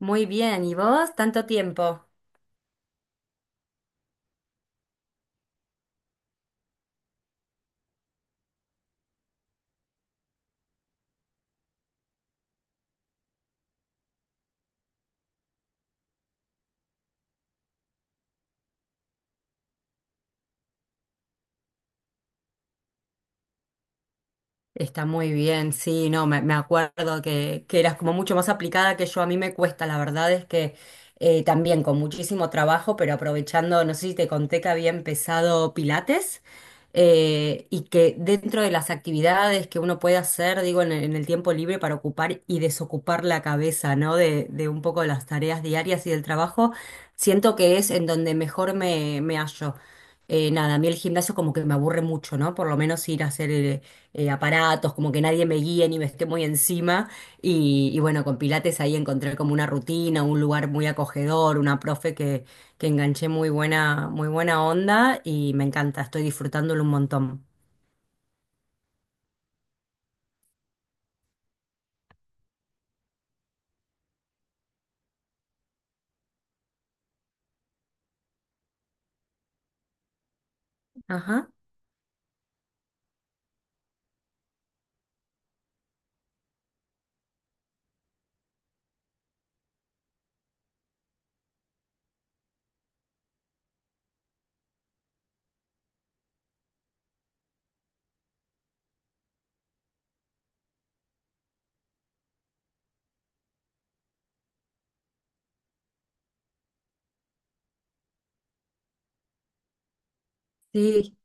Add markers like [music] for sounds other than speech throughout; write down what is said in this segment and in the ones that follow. Muy bien, ¿y vos? Tanto tiempo. Está muy bien, sí, no, me acuerdo que eras como mucho más aplicada que yo, a mí me cuesta, la verdad es que también con muchísimo trabajo, pero aprovechando, no sé si te conté que había empezado Pilates, y que dentro de las actividades que uno puede hacer, digo, en el tiempo libre para ocupar y desocupar la cabeza, ¿no? De un poco las tareas diarias y del trabajo, siento que es en donde mejor me hallo. Nada, a mí el gimnasio como que me aburre mucho, ¿no? Por lo menos ir a hacer aparatos, como que nadie me guíe ni me esté muy encima. Y bueno, con Pilates ahí encontré como una rutina, un lugar muy acogedor, una profe que enganché muy buena onda y me encanta, estoy disfrutándolo un montón. Ajá, sí.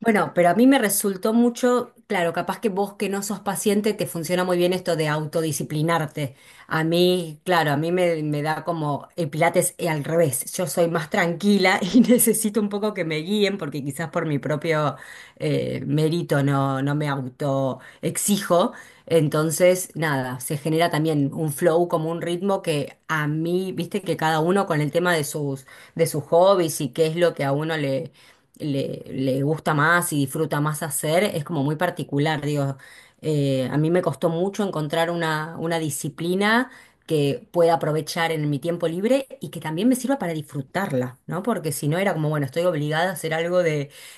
Bueno, pero a mí me resultó mucho, claro, capaz que vos que no sos paciente te funciona muy bien esto de autodisciplinarte. A mí, claro, a mí me da como el Pilates al revés. Yo soy más tranquila [laughs] y necesito un poco que me guíen porque quizás por mi propio merito, no, no me auto exijo. Entonces, nada, se genera también un flow como un ritmo que a mí, viste que cada uno con el tema de sus hobbies y qué es lo que a uno le, le gusta más y disfruta más hacer, es como muy particular, digo. A mí me costó mucho encontrar una disciplina que pueda aprovechar en mi tiempo libre y que también me sirva para disfrutarla, ¿no? Porque si no era como, bueno, estoy obligada a hacer algo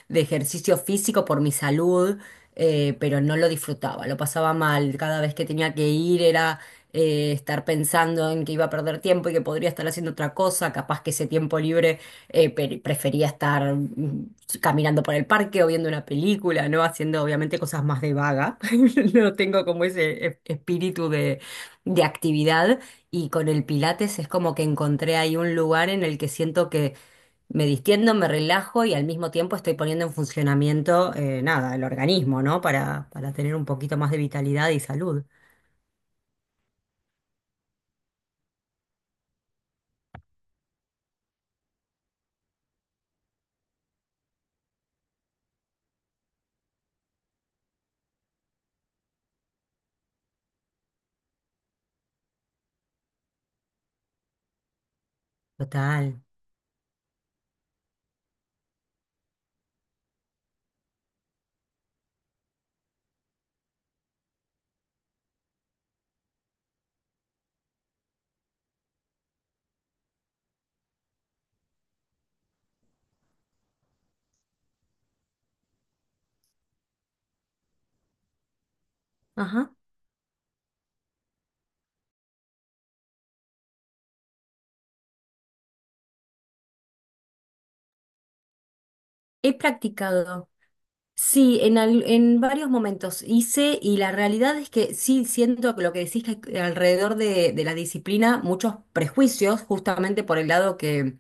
de ejercicio físico por mi salud, pero no lo disfrutaba, lo pasaba mal. Cada vez que tenía que ir era estar pensando en que iba a perder tiempo y que podría estar haciendo otra cosa, capaz que ese tiempo libre prefería estar caminando por el parque o viendo una película, ¿no? Haciendo obviamente cosas más de vaga. [laughs] No tengo como ese espíritu de actividad y con el Pilates es como que encontré ahí un lugar en el que siento que me distiendo, me relajo y al mismo tiempo estoy poniendo en funcionamiento, nada, el organismo, ¿no? Para tener un poquito más de vitalidad y salud. Total. Ajá. He practicado. Sí, en, en varios momentos hice y la realidad es que sí siento que lo que decís que hay alrededor de la disciplina, muchos prejuicios, justamente por el lado que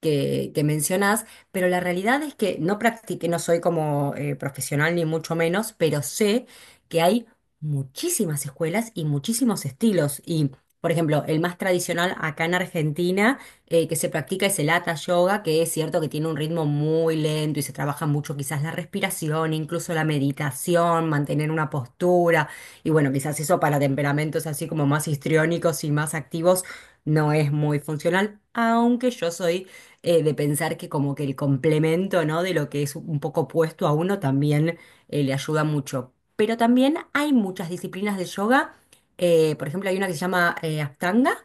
que, que mencionás, pero la realidad es que no practiqué, no soy como profesional ni mucho menos, pero sé que hay muchísimas escuelas y muchísimos estilos. Y, por ejemplo, el más tradicional acá en Argentina, que se practica, es el Hatha Yoga, que es cierto que tiene un ritmo muy lento y se trabaja mucho quizás la respiración, incluso la meditación, mantener una postura. Y bueno, quizás eso para temperamentos así como más histriónicos y más activos no es muy funcional, aunque yo soy de pensar que como que el complemento, ¿no? De lo que es un poco opuesto a uno también le ayuda mucho. Pero también hay muchas disciplinas de yoga. Por ejemplo, hay una que se llama Ashtanga,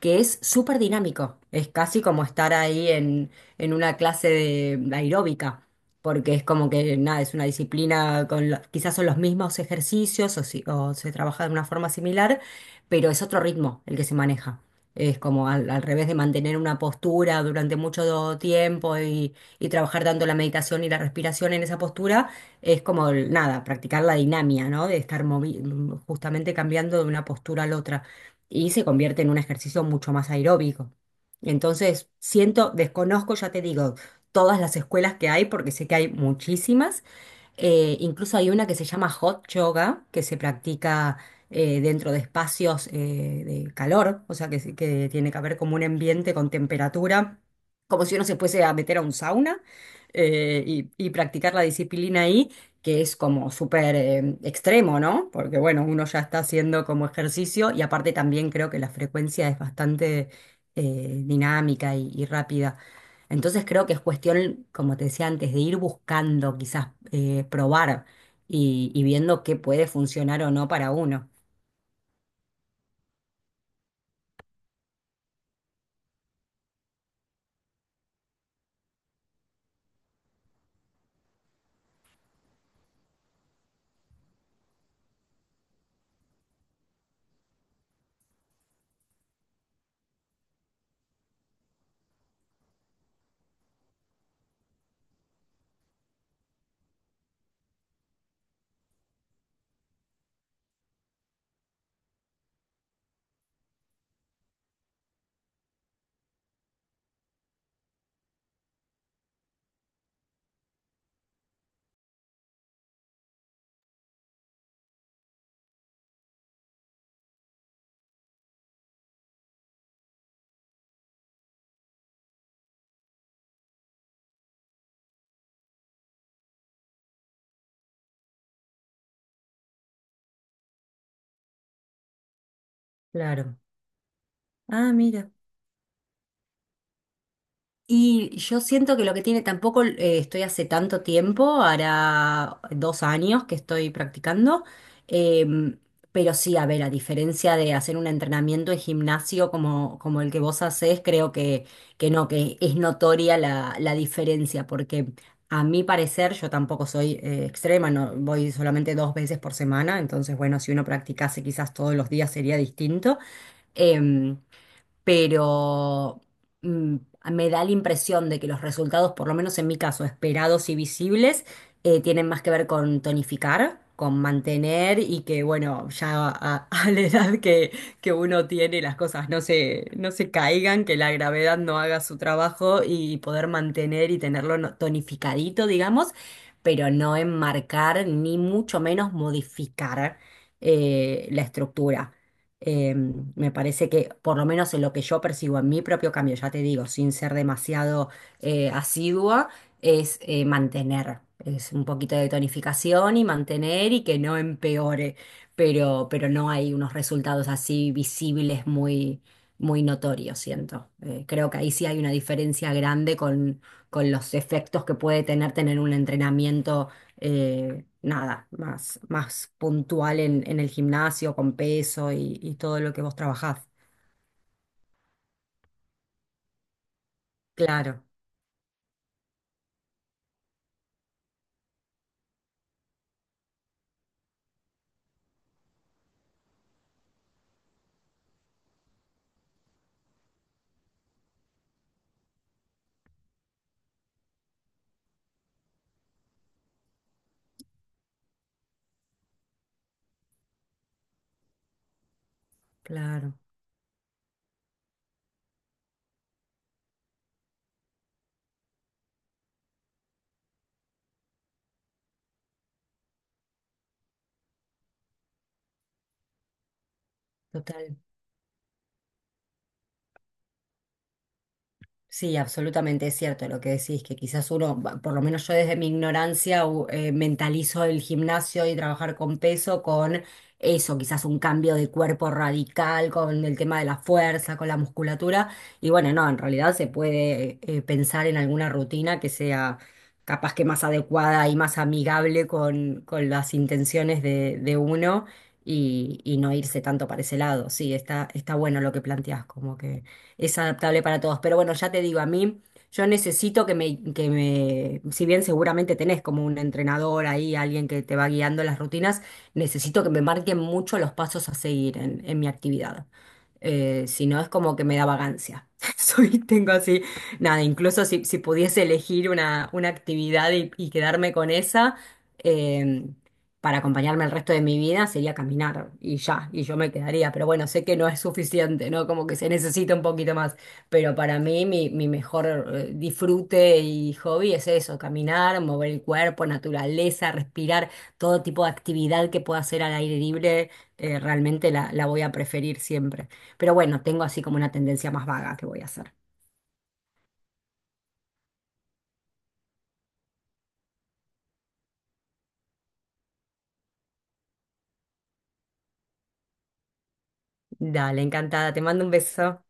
que es súper dinámico. Es casi como estar ahí en una clase de aeróbica. Porque es como que nada, es una disciplina con quizás son los mismos ejercicios o, o se trabaja de una forma similar, pero es otro ritmo el que se maneja. Es como al revés de mantener una postura durante mucho tiempo y trabajar tanto la meditación y la respiración en esa postura, es como nada, practicar la dinámica, ¿no? De estar justamente cambiando de una postura a la otra. Y se convierte en un ejercicio mucho más aeróbico. Entonces, siento, desconozco, ya te digo, todas las escuelas que hay, porque sé que hay muchísimas. Incluso hay una que se llama hot yoga, que se practica dentro de espacios de calor, o sea que, que tiene que haber como un ambiente con temperatura, como si uno se fuese a meter a un sauna, y practicar la disciplina ahí, que es como súper extremo, ¿no? Porque bueno, uno ya está haciendo como ejercicio y aparte también creo que la frecuencia es bastante dinámica y rápida. Entonces creo que es cuestión, como te decía antes, de ir buscando, quizás probar y viendo qué puede funcionar o no para uno. Claro. Ah, mira. Y yo siento que lo que tiene, tampoco estoy hace tanto tiempo, hará 2 años que estoy practicando, em, pero sí, a ver, a diferencia de hacer un entrenamiento en gimnasio como, como el que vos hacés, creo que no, que es notoria la diferencia, porque a mi parecer yo tampoco soy extrema, no, voy solamente 2 veces por semana, entonces bueno, si uno practicase quizás todos los días sería distinto. Em, pero mm, me da la impresión de que los resultados, por lo menos en mi caso, esperados y visibles, tienen más que ver con tonificar, con mantener y que, bueno, ya a, [laughs] a la edad que uno tiene, las cosas no se caigan, que la gravedad no haga su trabajo y poder mantener y tenerlo tonificadito, digamos, pero no enmarcar ni mucho menos modificar la estructura. Eh, Me parece que, por lo menos en lo que yo percibo en mi propio cambio, ya te digo, sin ser demasiado asidua, es mantener, es un poquito de tonificación y mantener y que no empeore, pero no hay unos resultados así visibles muy, muy notorios, siento. Creo que ahí sí hay una diferencia grande con los efectos que puede tener un entrenamiento nada, más, más puntual en el gimnasio, con peso y todo lo que vos trabajás. Claro, claro, totalmente. Sí, absolutamente es cierto lo que decís, que quizás uno, por lo menos yo desde mi ignorancia, mentalizo el gimnasio y trabajar con peso con eso, quizás un cambio de cuerpo radical, con el tema de la fuerza, con la musculatura. Y bueno, no, en realidad se puede pensar en alguna rutina que sea capaz que más adecuada y más amigable con las intenciones de uno y no irse tanto para ese lado. Sí, está, está bueno lo que planteás, como que es adaptable para todos. Pero bueno, ya te digo, a mí yo necesito que me si bien seguramente tenés como un entrenador ahí, alguien que te va guiando las rutinas, necesito que me marquen mucho los pasos a seguir en mi actividad. Si no, es como que me da vagancia. [laughs] Soy, tengo así, nada, incluso si pudiese elegir una actividad y quedarme con esa. eh, para acompañarme el resto de mi vida sería caminar y ya, y yo me quedaría, pero bueno, sé que no es suficiente, ¿no? Como que se necesita un poquito más, pero para mí mi, mi mejor disfrute y hobby es eso, caminar, mover el cuerpo, naturaleza, respirar, todo tipo de actividad que pueda hacer al aire libre, realmente la voy a preferir siempre. Pero bueno, tengo así como una tendencia más vaga que voy a hacer. Dale, encantada, te mando un beso.